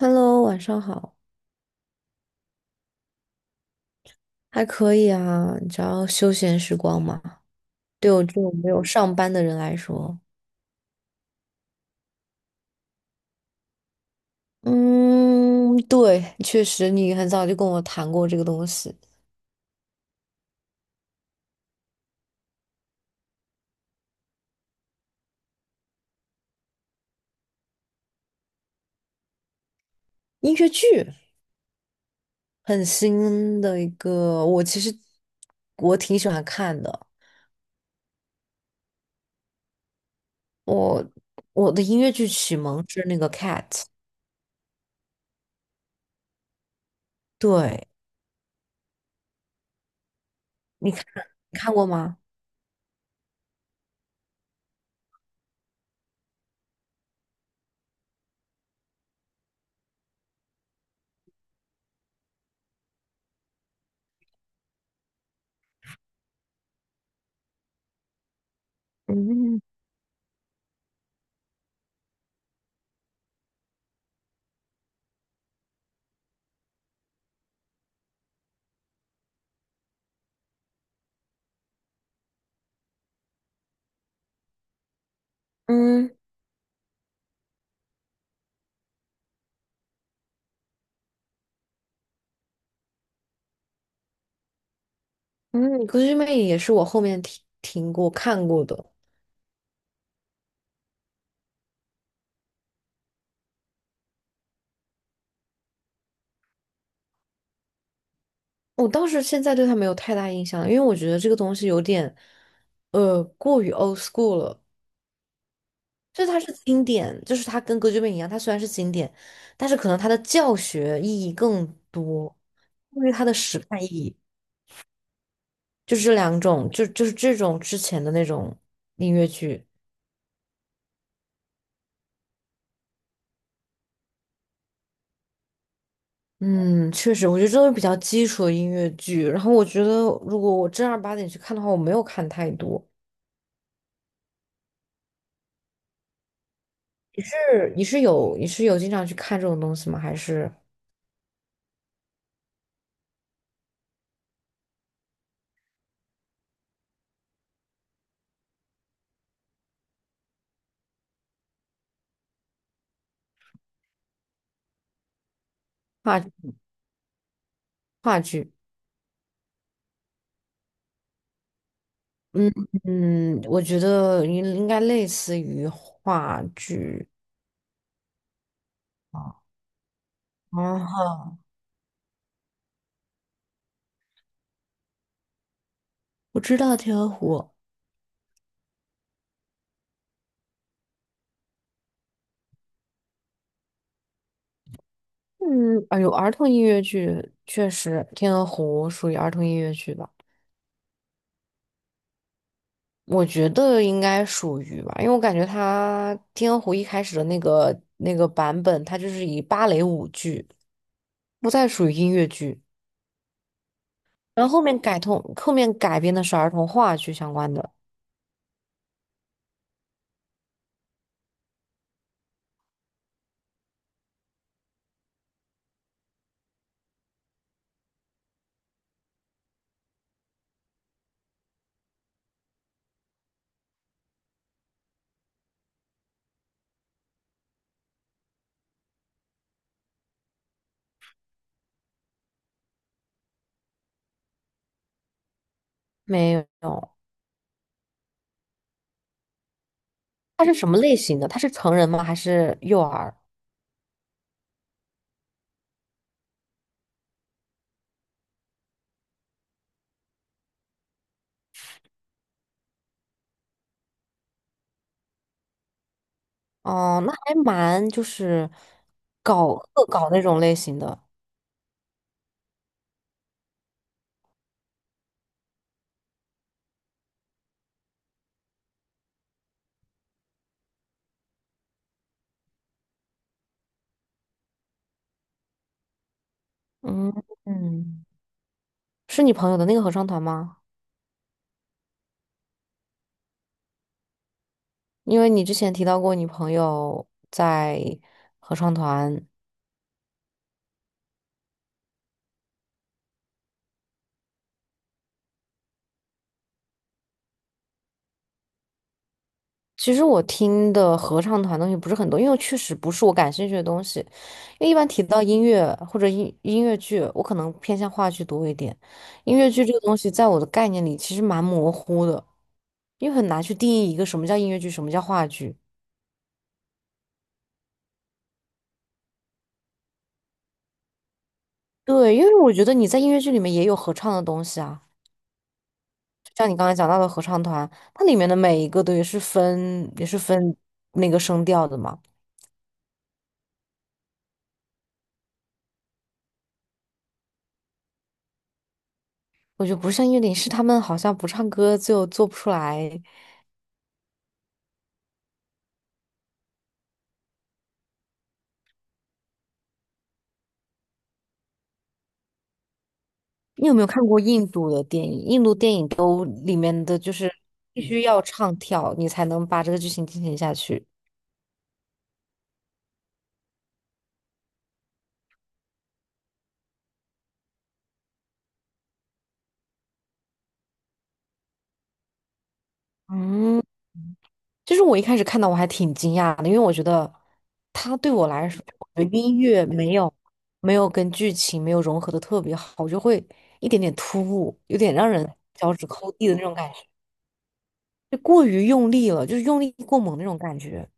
Hello，晚上好。还可以啊，你知道休闲时光吗？对我这种没有上班的人来说，嗯，对，确实你很早就跟我谈过这个东西。音乐剧很新的一个，我其实，我挺喜欢看的。我我的音乐剧启蒙是那个《Cat》。对，你看你看过吗？嗯嗯嗯，《歌剧魅影》也是我后面听过看过的。我倒是现在对他没有太大印象了，因为我觉得这个东西有点，过于 old school 了。就是它是经典，就是它跟歌剧魅影一样，它虽然是经典，但是可能它的教学意义更多，因为它的时代意义。就是这两种，就是这种之前的那种音乐剧。嗯，确实，我觉得这都是比较基础的音乐剧。然后我觉得，如果我正儿八经去看的话，我没有看太多。你是有经常去看这种东西吗？还是话话剧？嗯嗯，我觉得应该类似于话剧。啊，啊哈，我知道《天鹅湖》。嗯，哎呦，有儿童音乐剧确实，《天鹅湖》属于儿童音乐剧吧？我觉得应该属于吧，因为我感觉它《天鹅湖》一开始的那个版本，它就是以芭蕾舞剧，不再属于音乐剧。然后后面改通，后面改编的是儿童话剧相关的。没有。他是什么类型的？他是成人吗？还是幼儿？哦，那还蛮就是恶搞那种类型的。嗯嗯，是你朋友的那个合唱团吗？因为你之前提到过你朋友在合唱团。其实我听的合唱团东西不是很多，因为确实不是我感兴趣的东西。因为一般提到音乐或者音乐剧，我可能偏向话剧多一点。音乐剧这个东西，在我的概念里其实蛮模糊的，因为很难去定义一个什么叫音乐剧，什么叫话剧。对，因为我觉得你在音乐剧里面也有合唱的东西啊，就像你刚才讲到的合唱团，它里面的每一个都也是分那个声调的嘛。我觉得不像音乐里是他们好像不唱歌就做不出来。你有没有看过印度的电影？印度电影都里面的就是必须要唱跳，你才能把这个剧情进行下去。嗯，就是我一开始看到我还挺惊讶的，因为我觉得它对我来说，我的音乐没有跟剧情没有融合的特别好，我就会一点点突兀，有点让人脚趾抠地的那种感觉，就过于用力了，就是用力过猛那种感觉。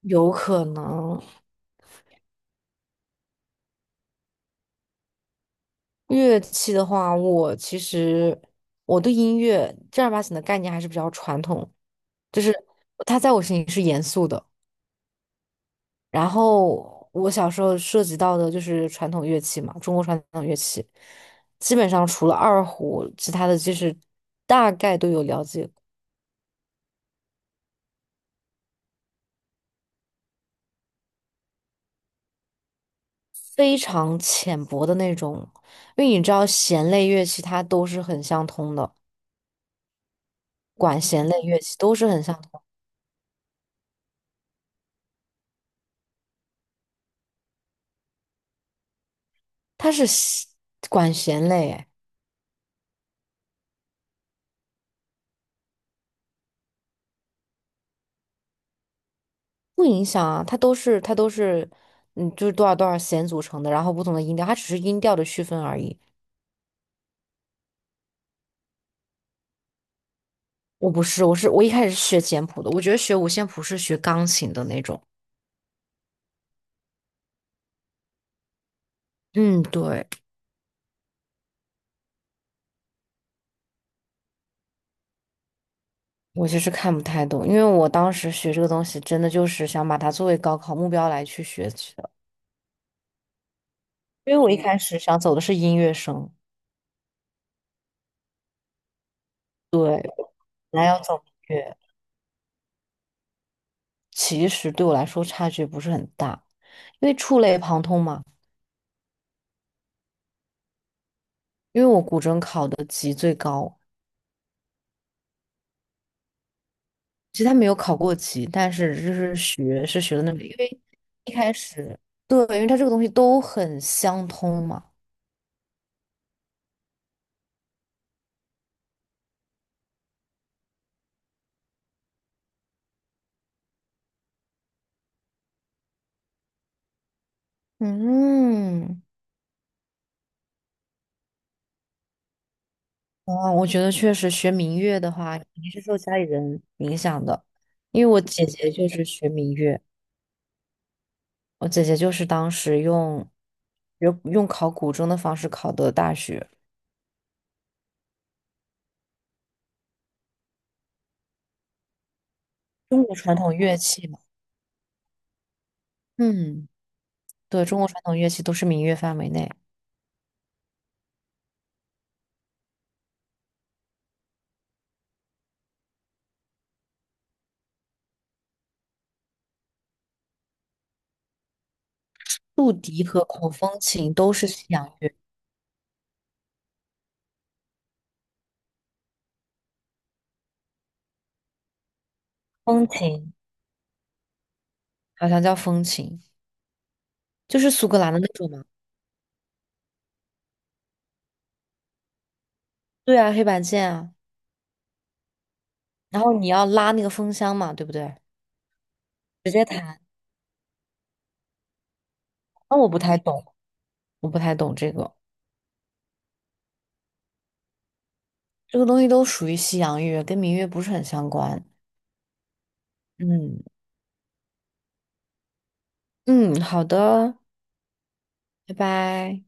有可能，乐器的话，我其实，我对音乐正儿八经的概念还是比较传统，就是它在我心里是严肃的。然后我小时候涉及到的就是传统乐器嘛，中国传统乐器，基本上除了二胡，其他的就是大概都有了解，非常浅薄的那种。因为你知道弦类乐器它都是很相通的，管弦类乐器都是很相通，它是弦管弦类诶。不影响啊，它都是，嗯，就是多少多少弦组成的，然后不同的音调，它只是音调的区分而已。我不是，我一开始是学简谱的，我觉得学五线谱是学钢琴的那种。嗯，对，我其实看不太懂，因为我当时学这个东西，真的就是想把它作为高考目标来去学习的。因为我一开始想走的是音乐生。本来要走音乐，其实对我来说差距不是很大，因为触类旁通嘛。因为我古筝考的级最高，其实他没有考过级，但是就是学是学的那个，因为一开始对，因为它这个东西都很相通嘛。嗯，啊，我觉得确实学民乐的话，肯定是受家里人影响的，因为我姐姐就是学民乐，我姐姐就是当时用考古筝的方式考的大学，中国传统乐器嘛。嗯，对，中国传统乐器都是民乐范围内。竖笛和口风琴都是西洋乐。风琴。好像叫风琴，就是苏格兰的那种嘛。对啊，黑白键啊，然后你要拉那个风箱嘛，对不对？直接弹。那我不太懂，我不太懂这个。这个东西都属于西洋乐，跟民乐不是很相关。嗯嗯，好的，拜拜。